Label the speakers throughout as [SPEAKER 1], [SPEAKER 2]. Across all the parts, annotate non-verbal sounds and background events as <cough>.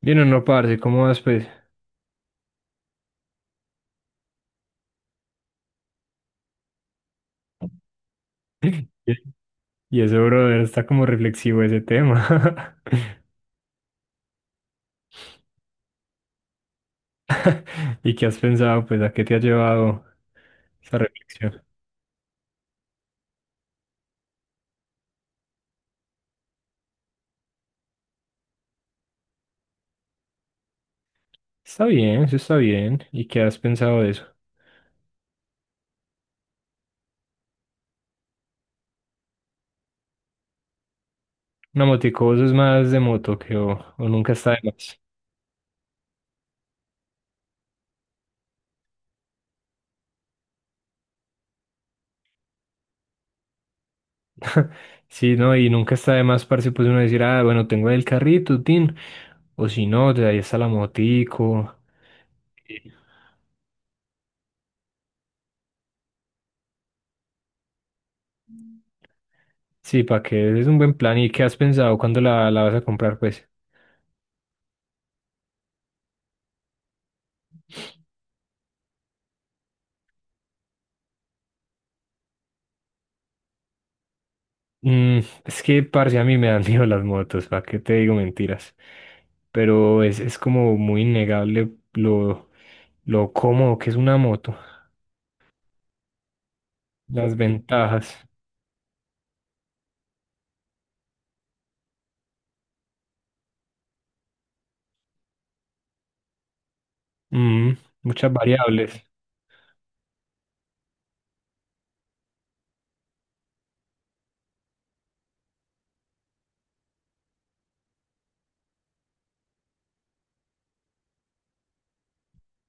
[SPEAKER 1] Bien o no, parce, ¿cómo vas, pues? <laughs> Y ese brother está como reflexivo ese tema. <laughs> ¿Y qué has pensado, pues, a qué te ha llevado esa reflexión? Está bien, eso está bien. ¿Y qué has pensado de eso? Una motico, vos es más de moto que o nunca está de más. <laughs> Sí, no, y nunca está de más, parce, pues uno decir, ah, bueno, tengo el carrito, tin. O si no, de ahí está la motico. Sí, para que es un buen plan. ¿Y qué has pensado? ¿Cuándo la vas a comprar, pues? Mm, es que, parce, a mí me dan <laughs> miedo las motos, ¿para qué te digo mentiras? Pero es como muy innegable lo cómodo que es una moto, las ventajas, mm, muchas variables,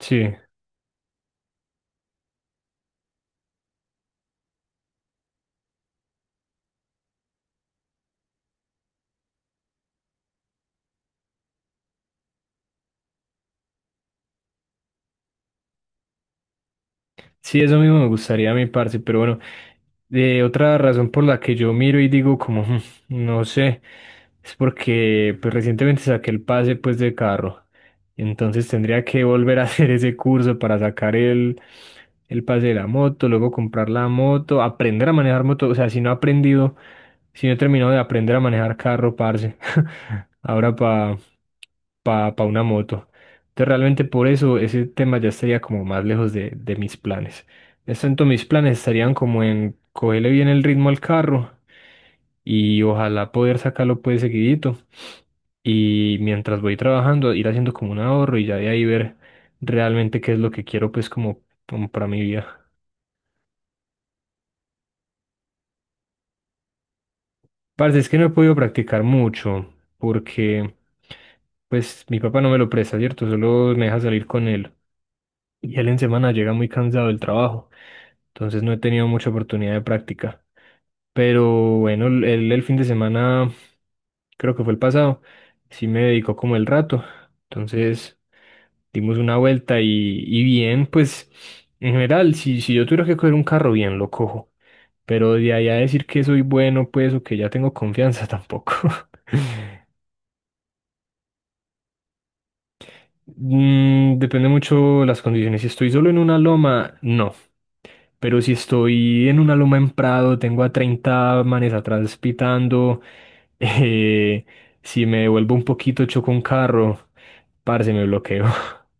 [SPEAKER 1] sí. Sí, eso mismo me gustaría a mi parce, pero bueno, otra razón por la que yo miro y digo como: "Hmm, no sé". Es porque pues recientemente saqué el pase pues de carro, entonces tendría que volver a <laughs> hacer ese curso para sacar el pase de la moto, luego comprar la moto, aprender a manejar moto, o sea, si no he aprendido, si no he terminado de aprender a manejar carro, parce, <laughs> ahora para una moto. Entonces realmente por eso ese tema ya estaría como más lejos de mis planes. Es tanto mis planes estarían como en cogerle bien el ritmo al carro y ojalá poder sacarlo pues seguidito y mientras voy trabajando ir haciendo como un ahorro y ya de ahí ver realmente qué es lo que quiero pues como para mi vida. Parce, es que no he podido practicar mucho porque pues mi papá no me lo presta, ¿cierto? Solo me deja salir con él y él en semana llega muy cansado del trabajo. Entonces no he tenido mucha oportunidad de práctica. Pero bueno, el fin de semana, creo que fue el pasado, sí me dedicó como el rato. Entonces dimos una vuelta y bien, pues en general, si yo tuviera que coger un carro, bien lo cojo. Pero de ahí a decir que soy bueno, pues, o que ya tengo confianza, <laughs> tampoco. Depende mucho las condiciones. Si estoy solo en una loma, no. Pero si estoy en una loma en Prado, tengo a 30 manes atrás pitando, <laughs> eh, si me devuelvo un poquito, choco un carro, parce, me bloqueo. <laughs>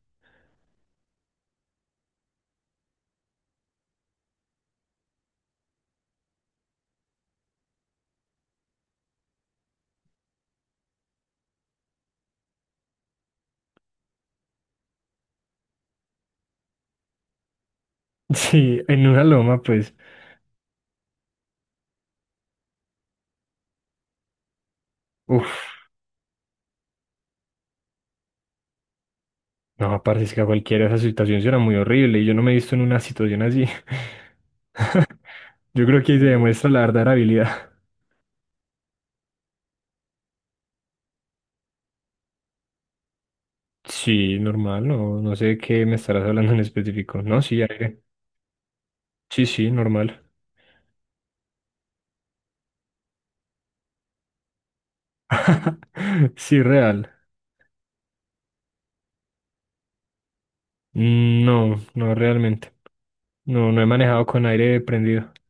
[SPEAKER 1] Sí, en una loma, pues, uff, no, parce, es que a cualquiera esa situación suena muy horrible y yo no me he visto en una situación así. <laughs> Yo creo que ahí se demuestra la verdadera habilidad. Sí, normal, no, no sé de qué me estarás hablando en específico. No, sí, aire. Sí, sí, normal. <laughs> Sí, real. Mm, no, no realmente. No, no he manejado con aire prendido. <laughs>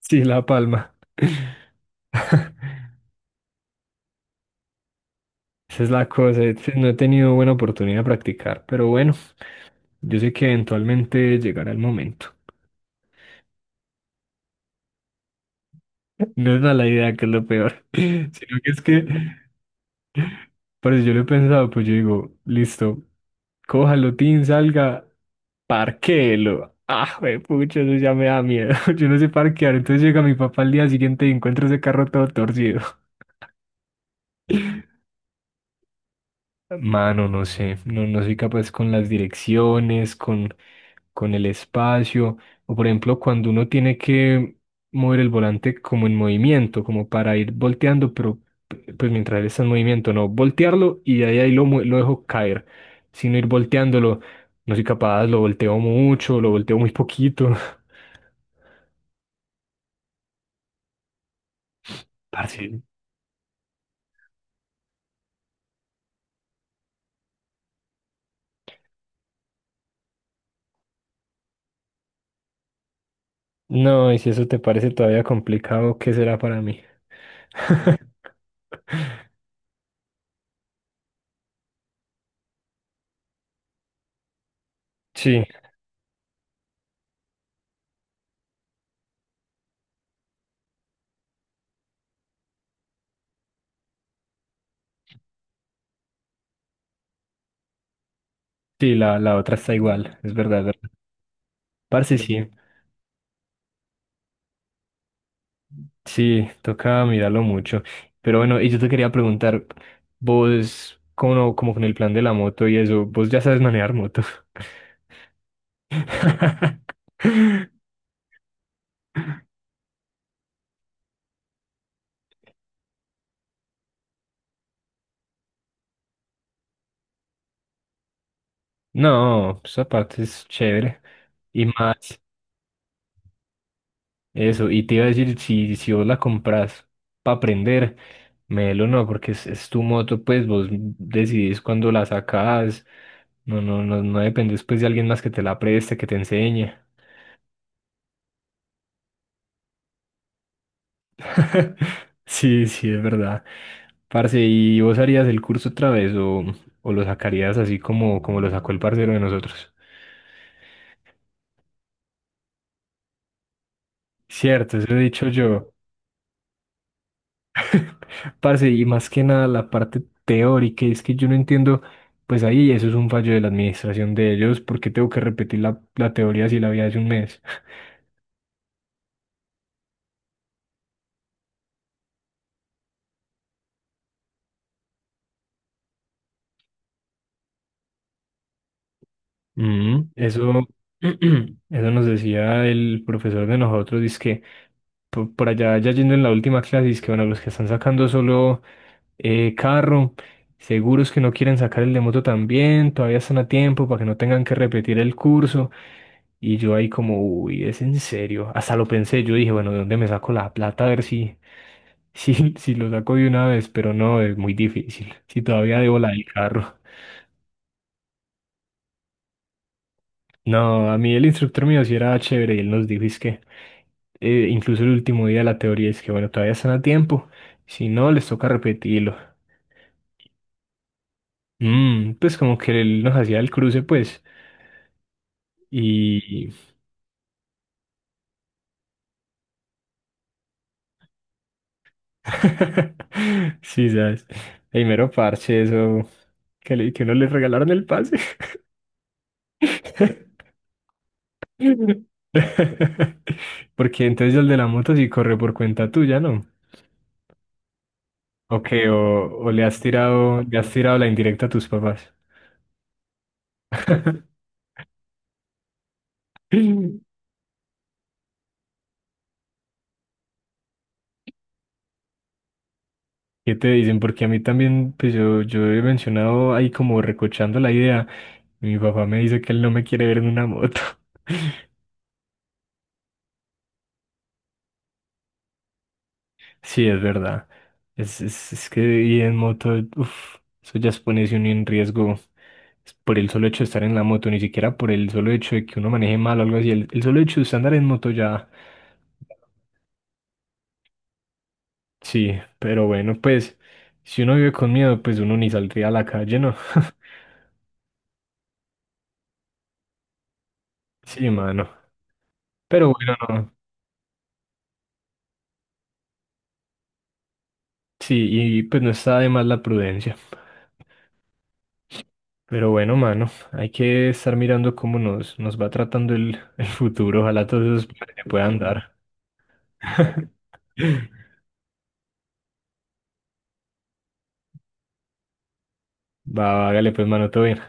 [SPEAKER 1] Sí, la palma. Esa es la cosa. No he tenido buena oportunidad de practicar, pero bueno, yo sé que eventualmente llegará el momento. <laughs> No es mala idea, que es lo peor. <laughs> Sino que es que, por eso yo lo he pensado, pues yo digo, listo, cójalo, tin, salga, parquéelo. <laughs> Ah, pucha, eso ya me da miedo. <laughs> Yo no sé parquear. Entonces llega mi papá al día siguiente y encuentro ese carro todo torcido. Mano, no sé, no, no soy capaz con las direcciones, con el espacio, o por ejemplo, cuando uno tiene que mover el volante como en movimiento, como para ir volteando, pero pues mientras él está en movimiento, no voltearlo y de ahí lo dejo caer, sino ir volteándolo, no soy capaz, lo volteo mucho, lo volteo muy poquito. <laughs> Parce, no, y si eso te parece todavía complicado, ¿qué será para mí? <laughs> Sí, sí, la otra está igual, es verdad. Parce, sí, sí, toca mirarlo mucho. Pero bueno, y yo te quería preguntar, vos, como, con el plan de la moto y eso, vos ya sabes manejar moto. <laughs> No, esa parte es chévere. Y más, eso, y te iba a decir, si vos la compras para aprender, lo no, porque es tu moto, pues vos decidís cuando la sacás, no, no, no, no dependes pues de alguien más que te la preste, que te enseñe. <laughs> Sí, sí, es verdad. Parce, ¿y vos harías el curso otra vez o lo sacarías así como lo sacó el parcero de nosotros? Cierto, eso he dicho yo. Parce, y más que nada la parte teórica, es que yo no entiendo, pues ahí eso es un fallo de la administración de ellos. ¿Porque tengo que repetir la teoría si la había hace un mes? Mm, eso, <clears throat> eso nos decía el profesor de nosotros, dice que por allá, ya yendo en la última clase, dice que bueno, los que están sacando solo carro, seguros que no quieren sacar el de moto también, todavía están a tiempo para que no tengan que repetir el curso. Y yo ahí como, uy, es en serio. Hasta lo pensé, yo dije, bueno, ¿de dónde me saco la plata? A ver <laughs> si lo saco de una vez, pero no, es muy difícil. Si todavía debo la del carro. No, a mí el instructor mío sí era chévere y él nos dijo, es que, incluso el último día de la teoría es que, bueno, todavía están a tiempo. Si no, les toca repetirlo. Pues como que él nos hacía el cruce, pues. Y <laughs> sí, sabes. Ey, mero parche, eso. Que no le regalaron el pase. <laughs> Porque entonces el de la moto sí corre por cuenta tuya, ¿no? Ok, o le has tirado la indirecta a tus papás. <laughs> ¿Qué te dicen? Porque a mí también, pues yo he mencionado ahí como recochando la idea. Y mi papá me dice que él no me quiere ver en una moto. <laughs> Sí, es verdad. Es que ir en moto, uff, eso ya es ponerse uno en riesgo. Es por el solo hecho de estar en la moto, ni siquiera por el solo hecho de que uno maneje mal o algo así. El solo hecho de usted andar en moto ya, sí, pero bueno, pues si uno vive con miedo, pues uno ni saldría a la calle, ¿no? <laughs> Sí, mano. Pero bueno, no. Sí, y pues no está de más la prudencia. Pero bueno, mano, hay que estar mirando cómo nos va tratando el, <laughs> el futuro. Ojalá todos esos planes se puedan dar. <laughs> Va, va, hágale pues, mano, todo bien.